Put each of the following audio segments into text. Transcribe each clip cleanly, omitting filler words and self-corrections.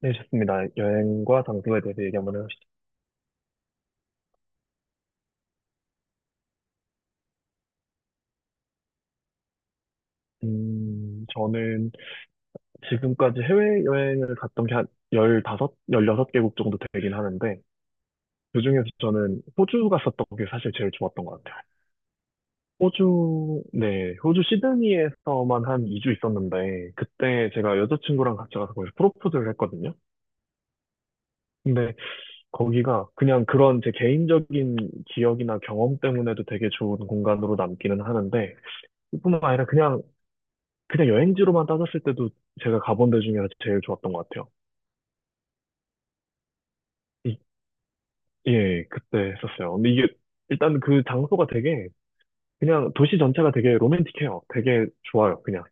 네, 좋습니다. 여행과 장소에 대해서 얘기 한번 해보시죠. 저는 지금까지 해외여행을 갔던 게한섯열 16개국 정도 되긴 하는데, 그중에서 저는 호주 갔었던 게 사실 제일 좋았던 것 같아요. 호주, 네, 호주 시드니에서만 한 2주 있었는데, 그때 제가 여자친구랑 같이 가서 거기서 프로포즈를 했거든요. 근데 거기가 그냥 그런 제 개인적인 기억이나 경험 때문에도 되게 좋은 공간으로 남기는 하는데, 뿐만 아니라 그냥 여행지로만 따졌을 때도 제가 가본 데 중에 제일 좋았던 것 같아요. 이- 예, 그때 했었어요. 근데 이게 일단 그 장소가 되게, 그냥 도시 전체가 되게 로맨틱해요. 되게 좋아요. 그냥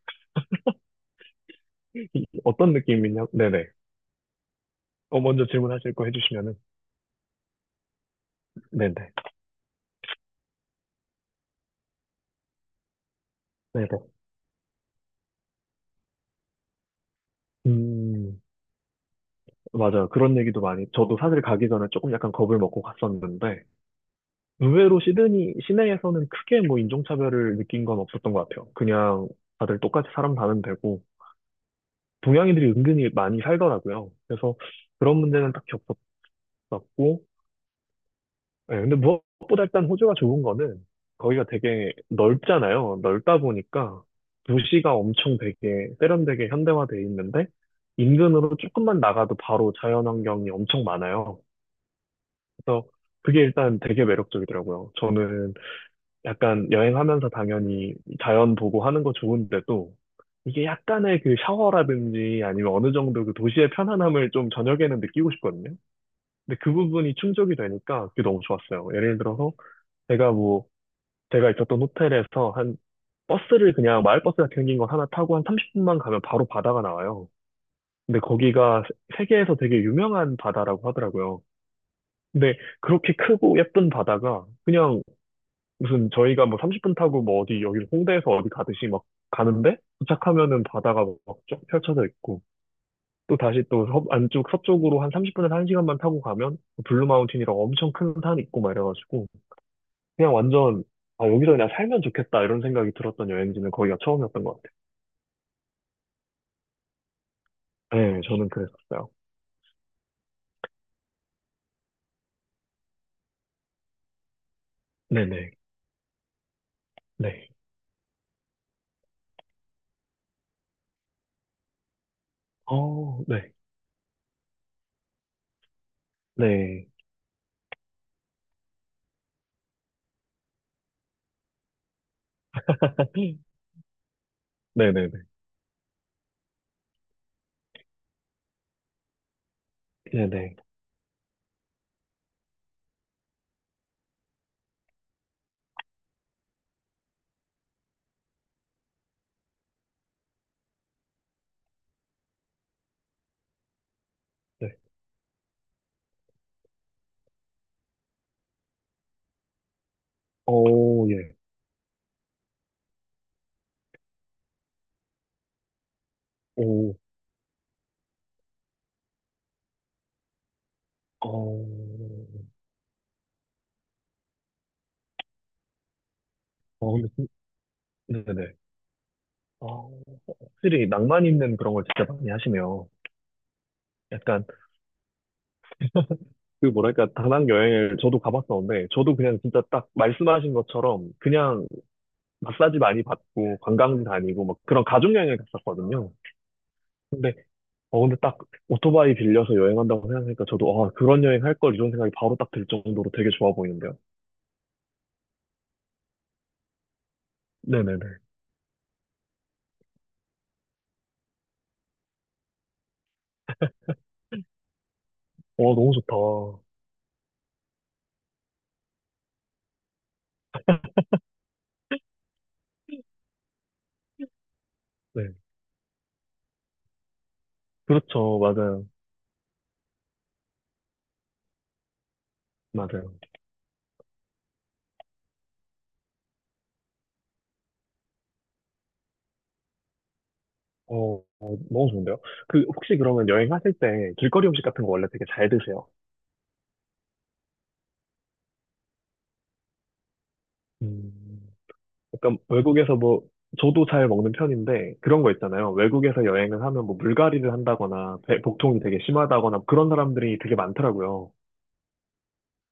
어떤 느낌이냐? 네네. 먼저 질문하실 거 해주시면은. 네네. 네네. 음 맞아요. 그런 얘기도 많이. 저도 사실 가기 전에 조금 약간 겁을 먹고 갔었는데 의외로 시드니 시내에서는 크게 뭐 인종차별을 느낀 건 없었던 것 같아요. 그냥 다들 똑같이 사람 사는 데고 동양인들이 은근히 많이 살더라고요. 그래서 그런 문제는 딱히 없었고, 예, 근데 무엇보다 일단 호주가 좋은 거는 거기가 되게 넓잖아요. 넓다 보니까 도시가 엄청 되게 세련되게 현대화돼 있는데 인근으로 조금만 나가도 바로 자연환경이 엄청 많아요. 그래서 그게 일단 되게 매력적이더라고요. 저는 약간 여행하면서 당연히 자연 보고 하는 거 좋은데도 이게 약간의 그 샤워라든지 아니면 어느 정도 그 도시의 편안함을 좀 저녁에는 느끼고 싶거든요. 근데 그 부분이 충족이 되니까 그게 너무 좋았어요. 예를 들어서 제가 뭐 제가 있었던 호텔에서 한 버스를 그냥 마을버스 같은 생긴 거 하나 타고 한 30분만 가면 바로 바다가 나와요. 근데 거기가 세계에서 되게 유명한 바다라고 하더라고요. 근데 그렇게 크고 예쁜 바다가 그냥 무슨 저희가 뭐 30분 타고 뭐 어디 여기 홍대에서 어디 가듯이 막 가는데 도착하면은 바다가 막 쫙 펼쳐져 있고 또 다시 또 안쪽 서쪽으로 한 30분에서 1시간만 타고 가면 블루마운틴이라고 엄청 큰 산 있고 막 이래가지고 그냥 완전 아 여기서 그냥 살면 좋겠다 이런 생각이 들었던 여행지는 거기가 처음이었던 것 같아요. 네, 저는 그랬었어요. 네네. 네. 네. 어, 네. 네. 네네네. 네네. 네. 오, 예. 오, 어, 어, 근데, 네네. 어, 확실히 낭만 있는 그런 걸 진짜 많이 하시네요. 약간 그 뭐랄까 다낭 여행을 저도 가봤었는데 저도 그냥 진짜 딱 말씀하신 것처럼 그냥 마사지 많이 받고 관광지 다니고 막 그런 가족 여행을 갔었거든요. 근데 근데 딱 오토바이 빌려서 여행한다고 생각하니까 저도 아 그런 여행 할 걸 이런 생각이 바로 딱 들 정도로 되게 좋아 보이는데요. 네네네. 너무 좋다. 네. 그렇죠. 맞아요. 맞아요. 너무 좋은데요. 그 혹시 그러면 여행하실 때 길거리 음식 같은 거 원래 되게 잘 드세요? 음. 약간 외국에서 뭐 저도 잘 먹는 편인데 그런 거 있잖아요. 외국에서 여행을 하면 뭐 물갈이를 한다거나 복통이 되게 심하다거나 그런 사람들이 되게 많더라고요.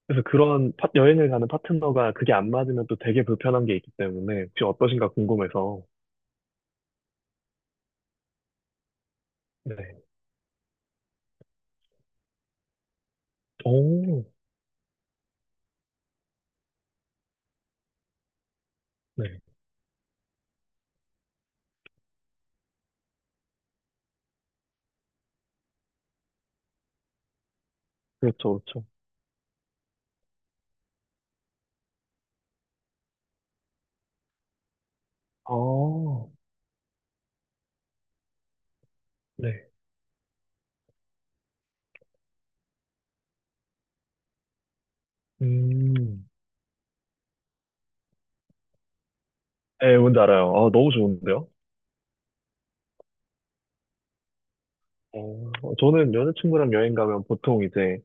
그래서 그런 여행을 가는 파트너가 그게 안 맞으면 또 되게 불편한 게 있기 때문에 혹시 어떠신가 궁금해서. 네. 오, 네. 그렇죠, 그렇죠. 아, 네. 음. 네, 뭔지 알아요. 아, 너무 좋은데요? 어, 저는 여자친구랑 여행 가면 보통 이제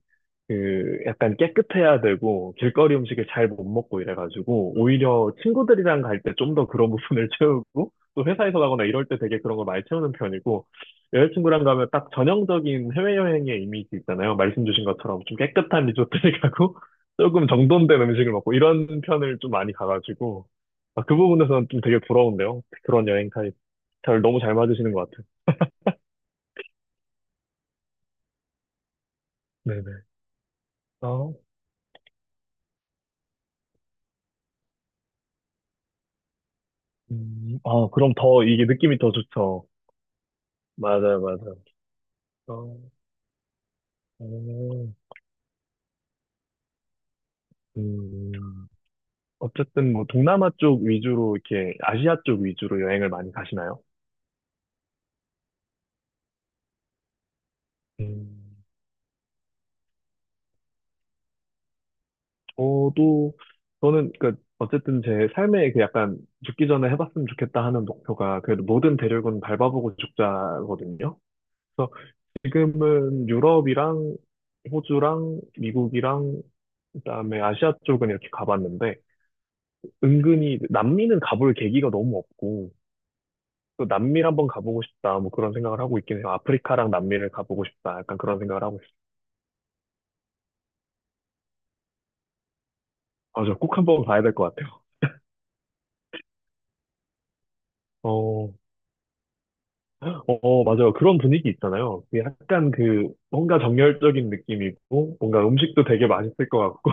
그 약간 깨끗해야 되고 길거리 음식을 잘 못 먹고 이래가지고 오히려 친구들이랑 갈 때 좀 더 그런 부분을 채우고 또 회사에서 가거나 이럴 때 되게 그런 걸 많이 채우는 편이고 여자친구랑 가면 딱 전형적인 해외여행의 이미지 있잖아요. 말씀 주신 것처럼 좀 깨끗한 리조트를 가고 조금 정돈된 음식을 먹고 이런 편을 좀 많이 가가지고 아, 그 부분에서는 좀 되게 부러운데요. 그런 여행 타입. 잘 너무 잘 맞으시는 것 같아요. 네네. 아, 아, 그럼 더 이게 느낌이 더 좋죠. 맞아요, 맞아요. 어, 어, 음, 어쨌든 뭐 동남아 쪽 위주로 이렇게 아시아 쪽 위주로 여행을 많이 가시나요? 음, 저도 저는 그 어쨌든 제 삶에 그 약간 죽기 전에 해봤으면 좋겠다 하는 목표가 그래도 모든 대륙은 밟아보고 죽자거든요. 그래서 지금은 유럽이랑 호주랑 미국이랑 그다음에 아시아 쪽은 이렇게 가봤는데 은근히 남미는 가볼 계기가 너무 없고 또 남미를 한번 가보고 싶다. 뭐 그런 생각을 하고 있긴 해요. 아프리카랑 남미를 가보고 싶다. 약간 그런 생각을 하고 있어요. 맞아. 꼭 한번 가야 될 것 같아요. 어, 어, 어, 맞아요. 그런 분위기 있잖아요. 그게 약간 그 뭔가 정열적인 느낌이고 뭔가 음식도 되게 맛있을 것 같고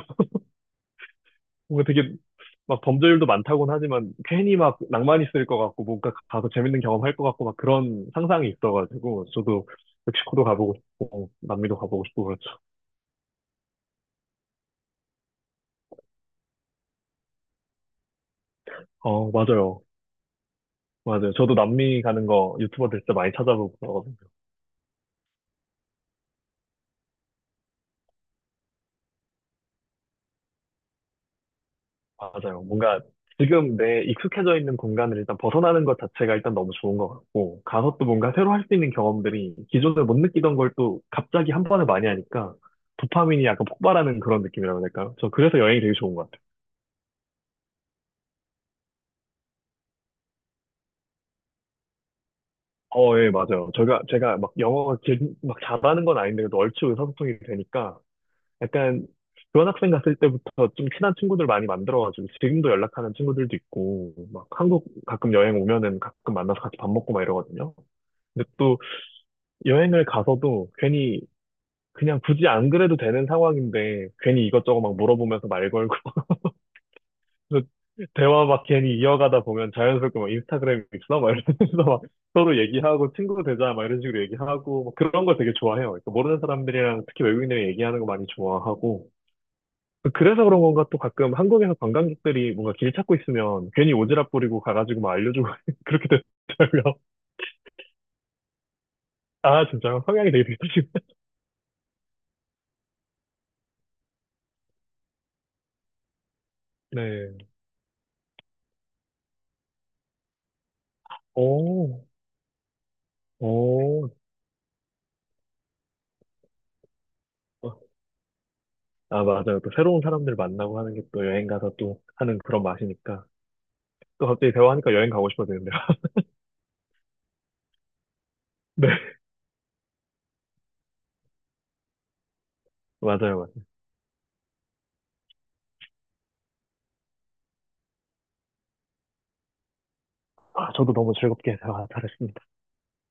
뭔가 되게 막 범죄율도 많다고는 하지만 괜히 막 낭만 있을 것 같고 뭔가 가서 재밌는 경험 할 것 같고 막 그런 상상이 있어가지고 저도 멕시코도 가보고 싶고 어, 남미도 가보고 싶고 그렇죠. 어, 맞아요. 맞아요. 저도 남미 가는 거 유튜버들 진짜 많이 찾아보고 맞아요. 뭔가 지금 내 익숙해져 있는 공간을 일단 벗어나는 것 자체가 일단 너무 좋은 것 같고, 가서 또 뭔가 새로 할 수 있는 경험들이 기존에 못 느끼던 걸 또 갑자기 한 번에 많이 하니까 도파민이 약간 폭발하는 그런 느낌이라고 해야 될까요? 저 그래서 여행이 되게 좋은 것 같아요. 어, 예, 맞아요. 제가 막 영어가 막 잘하는 건 아닌데, 그래도 얼추 의사소통이 되니까 약간 교환학생 갔을 때부터 좀 친한 친구들 많이 만들어가지고 지금도 연락하는 친구들도 있고, 막 한국 가끔 여행 오면은 가끔 만나서 같이 밥 먹고 막 이러거든요. 근데 또 여행을 가서도 괜히 그냥 굳이 안 그래도 되는 상황인데 괜히 이것저것 막 물어보면서 말 걸고 대화 막 괜히 이어가다 보면 자연스럽게 막 인스타그램 있어? 막 이러면서 막 서로 얘기하고 친구 되자 막 이런 식으로 얘기하고 막 그런 걸 되게 좋아해요. 그러니까 모르는 사람들이랑 특히 외국인들이 얘기하는 거 많이 좋아하고 그래서 그런 건가 또 가끔 한국에서 관광객들이 뭔가 길 찾고 있으면 괜히 오지랖 부리고 가가지고 막 알려주고 그렇게 되더라고요. 아 진짜 성향이 되게 비슷하시네. 네. 오, 오. 아, 맞아요. 또 새로운 사람들 만나고 하는 게 또 여행 가서 또 하는 그런 맛이니까. 또 갑자기 대화하니까 여행 가고 싶어지는데요. 네, 맞아요, 맞아요. 아, 저도 너무 즐겁게 대화 잘했습니다.